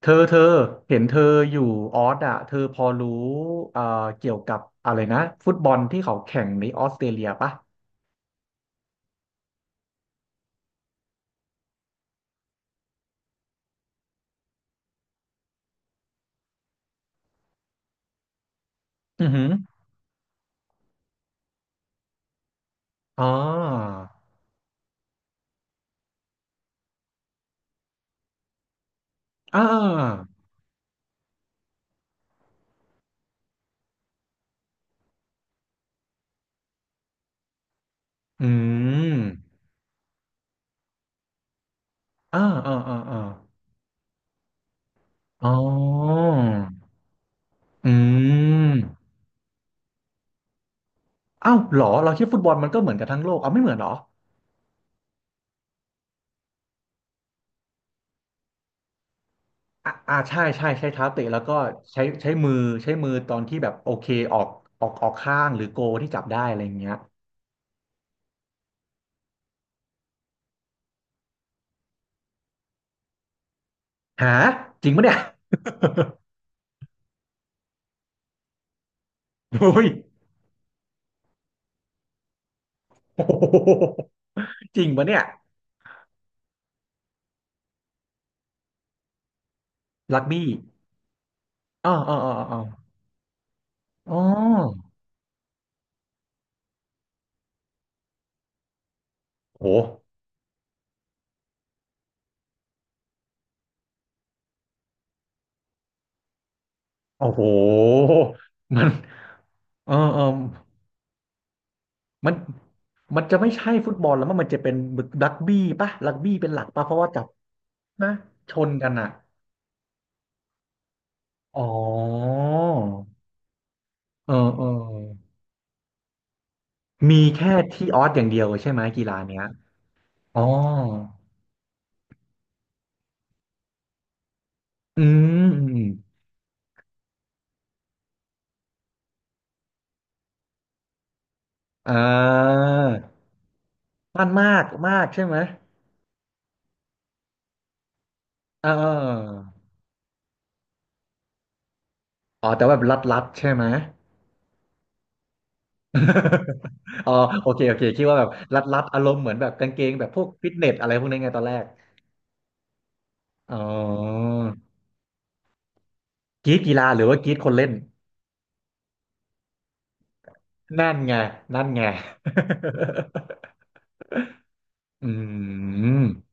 เธอเห็นเธออยู่ออสอ่ะเธอพอรู้เอ่อเกี่ยวกับอะไรนะฟุตบอลที่เขาแข่งในออสเตรเลียปะอือหืออ๋ออ่าอืมอ่าอ่าอ่าอาอ๋ออืมอ้าวเหรอเราคิดฟุตบอลมันก็เหมือนกับทั้งโลกเอาไม่เหมือนเหรออ่าอ่าใช่ใช่ใช้เท้าเตะแล้วก็ใช้มือใช้มือตอนที่แบบโอเคออกออกข้างหรือโกที่จับได้อะไรอย่างเงี้ยหาจริงปะเนี่ย โอ้ย โอ้โหจริงปะเนี่ยรักบี้อ๋ออ๋ออ๋ออ๋ออ๋อโอ้โหโอ้โหมันเออเออมันมันจะไม่ใช่ฟุตบอลแล้วมั้งมันจะเป็นรักบี้ปะรักบี้เป็นหลักปะเพราะว่าจับนะชนกันอ่ะอ๋อเออเออมีแค่ที่ออสอย่างเดียวใช่ไหมกีฬาเนี้ยอ๋ออืมอมอม่ามันมากมากใช่ไหมเออ อ๋อแต่ว่าแบบรัดๆใช่ไหม อ๋อโอเคโอเคคิดว่าแบบรัดๆอารมณ์เหมือนแบบกางเกงแบบพวกฟิตเนสอะไรพวกนี้ไงตอนแรก อ๋อกรีดกีฬาหรือว่ากรีดคนเล่นนั่นไงนั่นไง อืม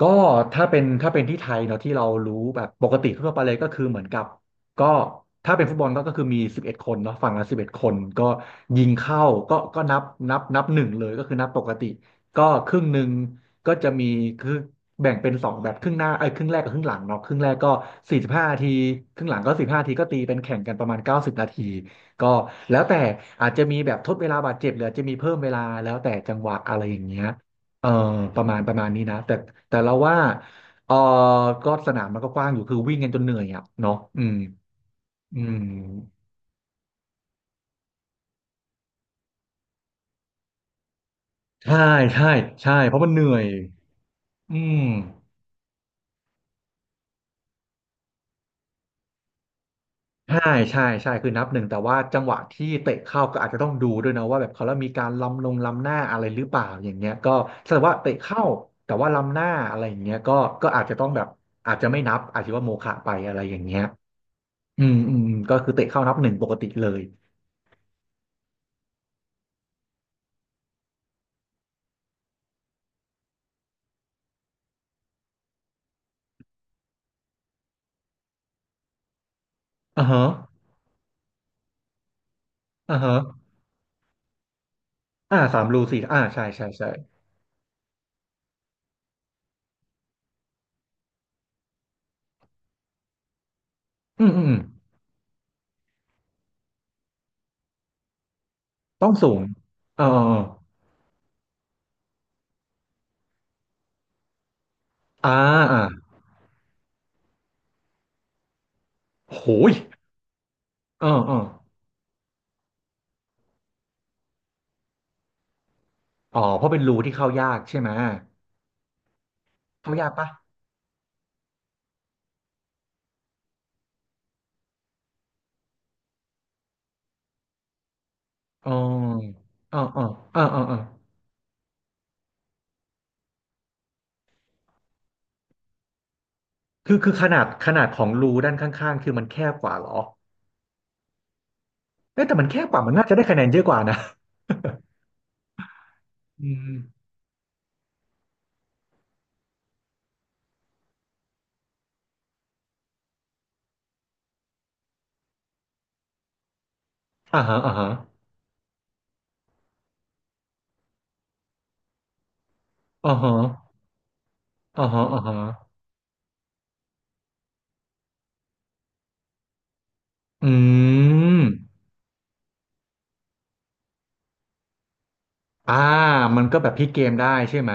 ก็ถ้าเป็นที่ไทยเนาะที่เรารู้แบบปกติทั่วไปเลยก็คือเหมือนกับก็ถ้าเป็นฟุตบอลก็คือมีสิบเอ็ดคนเนาะฝั่งละสิบเอ็ดคนก็ยิงเข้าก็นับหนึ่งเลยก็คือนับปกติก็ครึ่งหนึ่งก็จะมีคือแบ่งเป็นสองแบบครึ่งหน้าไอ้ยครึ่งแรกกับครึ่งหลังเนาะครึ่งแรกก็45นาทีครึ่งหลังก็สิบห้านาทีก็ตีเป็นแข่งกันประมาณ90นาทีก็แล้วแต่อาจจะมีแบบทดเวลาบาดเจ็บหรืออาจจะมีเพิ่มเวลาแล้วแต่จังหวะอะไรอย่างเงี้ย เออประมาณนี้นะแต่เราว่าเออก็สนามมันก็กว้างอยู่คือวิ่งกันจนเหนื่อยอ่ะเนาะอืมอืมใช่ใช่ใช่เพราะมันเหนื่อยอืมใช่ใช่ใช่คือนับหนึ่งแต่ว่าจังหวะที่เตะเข้าก็อาจจะต้องดูด้วยนะว่าแบบเขาแล้วมีการล้ำลงล้ำหน้าอะไรหรือเปล่าอย่างเงี้ยก็ถ้าว่าเตะเข้าแต่ว่าล้ำหน้าอะไรอย่างเงี้ยก็อาจจะต้องแบบอาจจะไม่นับอาจจะว่าโมฆะไปอะไรอย่างเงี้ยอืมอืมอืมก็คือเตะเข้านับหนึ่งปกติเลยอ่าฮะอ่าฮะ อ่าสามรูสี่อ่าใช่ใช่ใช่อืมอืมอืมต้องสูงเออเออเอออ่าอ่าโหยเออเอออ๋อเพราะเป็นรูที่เข้ายากใช่ไหมเข้ายากปะอ๋ออ๋ออ๋ออ๋ออ๋ออ๋อคือขนาดของรูด้านข้างๆคือมันแคบกว่าเหรอเอ๊ะแต่มันแคบกว่ามันน่าจะได้คะแนนเยอะกว่านะ อืมอ่าฮะอ่าฮะอ่าฮะอ่าฮะอ่าฮะอืมอ่ามันก็แบบพลิกเกมได้ใช่ไหม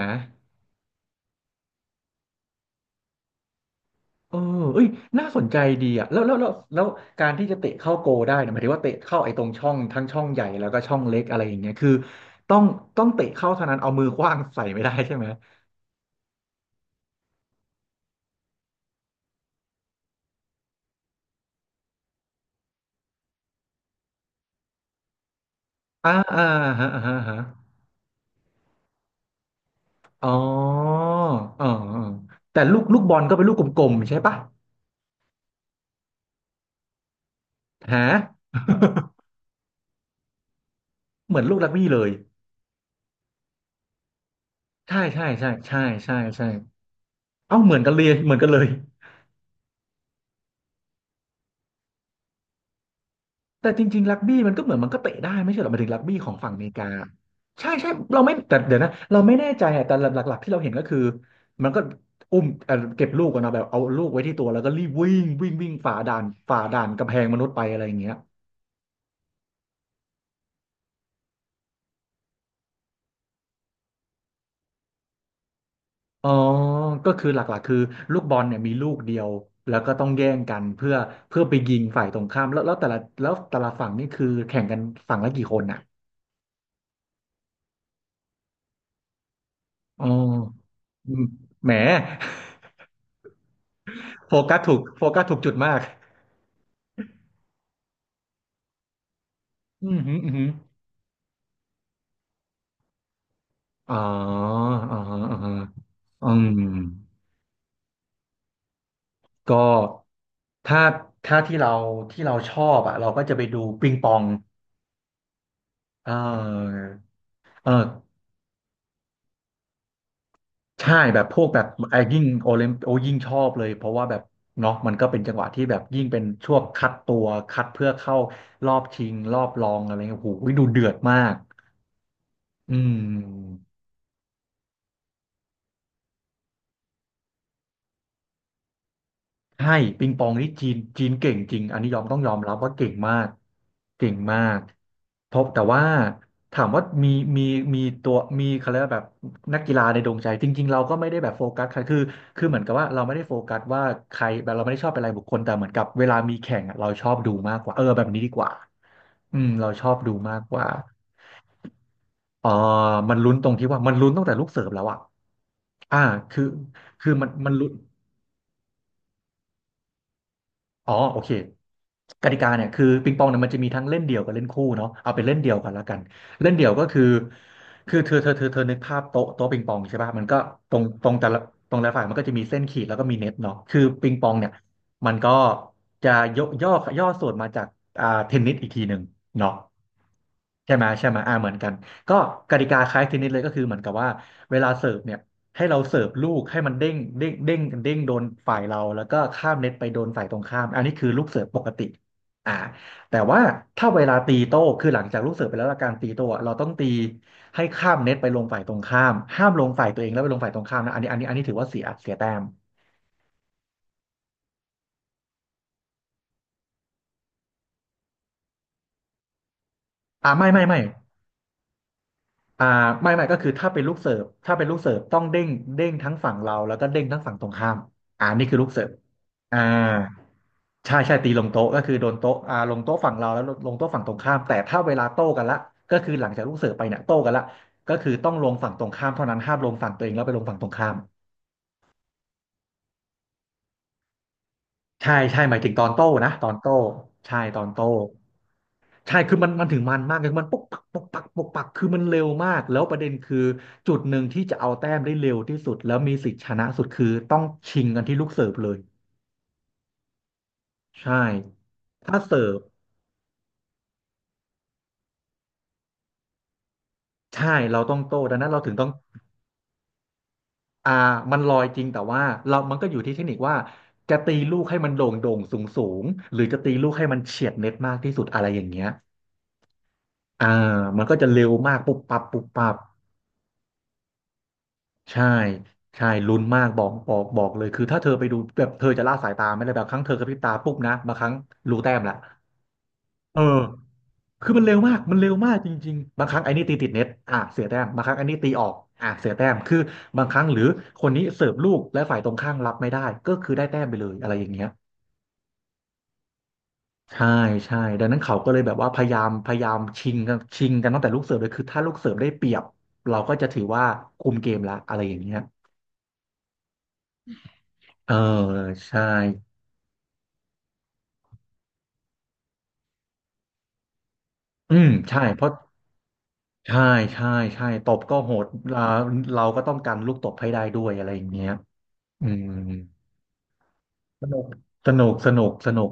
เออเอ้ยน่าสนใจดีอ่ะแล้วการที่จะเตะเข้าโกลได้เนี่ยหมายถึงว่าเตะเข้าไอ้ตรงช่องทั้งช่องใหญ่แล้วก็ช่องเล็กอะไรอย่างเงี้ยคือต้องต้องเตะเข้าเท่านั้นเอามือขว้างใส่ไม่ได้ใช่ไหมอ่าอ่าฮะอ่าฮะฮะอ๋ออ๋ออ๋อแต่ลูกลูกบอลก็เป็นลูกกลมๆใช่ปะฮะ เหมือนลูกรักบี้เลยใช่ใช่ใช่ใช่ใช่ใช่เอ้าเหมือนกันเลยเหมือนกันเลย แต่จริงๆรักบี้มันก็เหมือนมันก็เตะได้ไม่ใช่เหรอหมายถึงรักบี้ของฝั่งอเมริกาใช่ใช่เราไม่แต่เดี๋ยวนะเราไม่แน่ใจอะแต่หลักๆที่เราเห็นก็คือมันก็อุ้มเก็บลูกกันนาะแบบเอาลูกไว้ที่ตัวแล้วก็รีบวิ่งวิ่งวิ่งฝ่าด่านฝ่าด่านกำแพงมนุษย์ไปอะไรอย่างเงี้ยอ๋อก็คือหลักๆคือลูกบอลเนี่ยมีลูกเดียวแล้วก็ต้องแย่งกันเพื่อไปยิงฝ่ายตรงข้ามแล้วแต่ละฝั่งนี่คือแข่งกันฝั่งละกี่คนอ่ะอ๋ออืมแหม โฟกัสถูกโฟกัสถูกจุดมาก อืมฮึอืมฮึอ๋ออ๋ออ๋ออืมก็ถ้าถ้าที่เราชอบอ่ะเราก็จะไปดูปิงปองเออเออใช่แบบพวกแบบไอ้ยิ่งโอลิมโอยิ่งชอบเลยเพราะว่าแบบเนาะมันก็เป็นจังหวะที่แบบยิ่งเป็นช่วงคัดตัวคัดเพื่อเข้ารอบชิงรอบรองอะไรเงี้ยโอ้โหดูเดือดมากอืม ใช่ปิงปองนี่จีนเก่งจริงอันนี้ยอมต้องยอมรับว่าเก่งมากเก่งมากเพบแต่ว่าถามว่ามีมีตัวมีเขาเรียกว่าแบบนักกีฬาในดวงใจจริงๆเราก็ไม่ได้แบบโฟกัสใครคือเหมือนกับว่าเราไม่ได้โฟกัสว่าใครแบบเราไม่ได้ชอบเป็นรายบุคคลแต่เหมือนกับเวลามีแข่งอะเราชอบดูมากกว่าเออแบบนี้ดีกว่าอืมเราชอบดูมากกว่าเออมันลุ้นตรงที่ว่ามันลุ้นตั้งแต่ลูกเสิร์ฟแล้วอะอ่าคือมันลุ้น อ๋อโอเคกติกาเนี่ยคือปิงปองเนี่ยมันจะมีทั้งเล่นเดี่ยวกับเล่นคู่เนาะเอาเป็นเล่นเดี่ยวก่อนละกันเล่นเดี่ยวก็คือคือเธอนึกภาพโต๊ะโต๊ะปิงปองใช่ป่ะมันก็ตรงตรงแต่ละตรงแต่ละฝ่ายมันก็จะมีเส้นขีดแล้วก็มีเน็ตเนาะคือปิงปองเนี่ยมันก็จะยกย่อย่อส่วนมาจากเทนนิสอีกทีหนึ่งเนาะใช่ไหมเหมือนกันก็กติกาคล้ายเทนนิสเลยก็คือเหมือนกับว่าเวลาเสิร์ฟเนี่ย ให้เราเสิร์ฟลูกให้มันเด้งโดนฝ่ายเราแล้วก็ข้ามเน็ตไปโดนฝ่ายตรงข้ามอันนี้คือลูกเสิร์ฟปกติอ่าแต่ว่าถ้าเวลาตีโต้คือหลังจากลูกเสิร์ฟไปแล้วและการตีโต้อะเราต้องตีให้ข้ามเน็ตไปลงฝ่ายตรงข้ามห้ามลงฝ่ายตัวเองแล้วไปลงฝ่ายตรงข้ามนะอันนี้ถือว่าเสียแต้มไม่ไม่ไม่ อ่าไม่ไม่ก็คือถ้าเป็นลูกเสิร์ฟต้องเด้งเด้งทั้งฝั่งเราแล้วก็เด้งทั้งฝั่งตรงข้ามนี่คือลูกเสิร์ฟอ่าใช่ตีลงโต๊ะก็คือโดนโต๊ะลงโต๊ะฝั่งเราแล้วลงโต๊ะฝั่งตรงข้ามแต่ถ้าเวลาโต้กันละก็คือหลังจากลูกเสิร์ฟไปเนี่ยโต้กันละก็คือต้องลงฝั่งตรงข้ามเท่านั้นห้ามลงฝั่งตัวเองแล้วไปลงฝั่งตรงข้าม ใช่หมายถึงตอนโต้นะตอนโต้ใช่ตอนโต้ใช่คือมันมากเลยมันปกปักคือมันเร็วมากแล้วประเด็นคือจุดหนึ่งที่จะเอาแต้มได้เร็วที่สุดแล้วมีสิทธิ์ชนะสุดคือต้องชิงกันที่ลูกเสิร์ฟเลยใช่ถ้าเสิร์ฟใช่เราต้องโต้ดังนั้นเราถึงต้องอ่ามันลอยจริงแต่ว่าเรามันก็อยู่ที่เทคนิคว่าจะตีลูกให้มันโด่งโด่งสูงสูงหรือจะตีลูกให้มันเฉียดเน็ตมากที่สุดอะไรอย่างเงี้ยอ่ามันก็จะเร็วมากปุ๊บปั๊บปุ๊บปั๊บ ใช่ใช่ลุ้นมากบอกเลยคือถ้าเธอไปดูแบบเธอจะละสายตาไม่ได้แบบครั้งเธอกระพริบตาปุ๊บนะบางครั้งรู้แต้มละเออคือมันเร็วมากจริงๆบางครั้งไอ้นี่ตีติดเน็ตอ่ะเสียแต้มบางครั้งไอ้นี่ตีออกอ่ะเสียแต้มคือบางครั้งหรือคนนี้เสิร์ฟลูกและฝ่ายตรงข้ามรับไม่ได้ก็คือได้แต้มไปเลยอะไรอย่างเงี้ยใช่ใช่ดังนั้นเขาก็เลยแบบว่าพยายามชิงกันตั้งแต่ลูกเสิร์ฟเลยคือถ้าลูกเสิร์ฟได้เปรียบเราก็จะถือว่าคุมเกมละอะไรอย่างเงี้ยเออใช่ อืมใช่เพราะใช่ใช่ใช่ตบก็โหดเราก็ต้องกันลูกตบให้ได้ด้วยอะไรอย่างเงี้ยอืมสนุกสนุก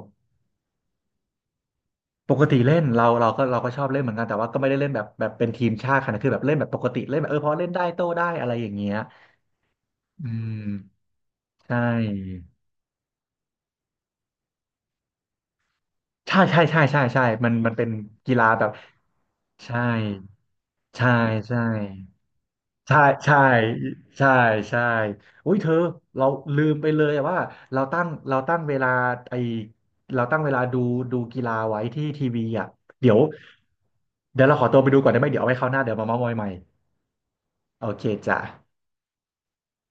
ปกติเล่นเราก็ชอบเล่นเหมือนกันแต่ว่าก็ไม่ได้เล่นแบบเป็นทีมชาติขนาดคือแบบเล่นแบบปกติเล่นแบบเออพอเล่นได้โต้ได้อะไรอย่างเงี้ยอืมใช่ใช่มันเป็นกีฬาแบบใช่ใช่ใช่ ใช่ใช่ใช่ใช่อุ้ยเธอเราลืมไปเลยว่าเราตั้งเวลาไอเราตั้งเวลาดูกีฬาไว้ที่ทีวีอ่ะเดี๋ยวเดี๋ยวเราขอตัวไปดูก่อนได้ไหมเดี๋ยวเอาไว้คราวหน้าเดี๋ยวมาเม้าท์มอยใหม่โอเคจ้ะ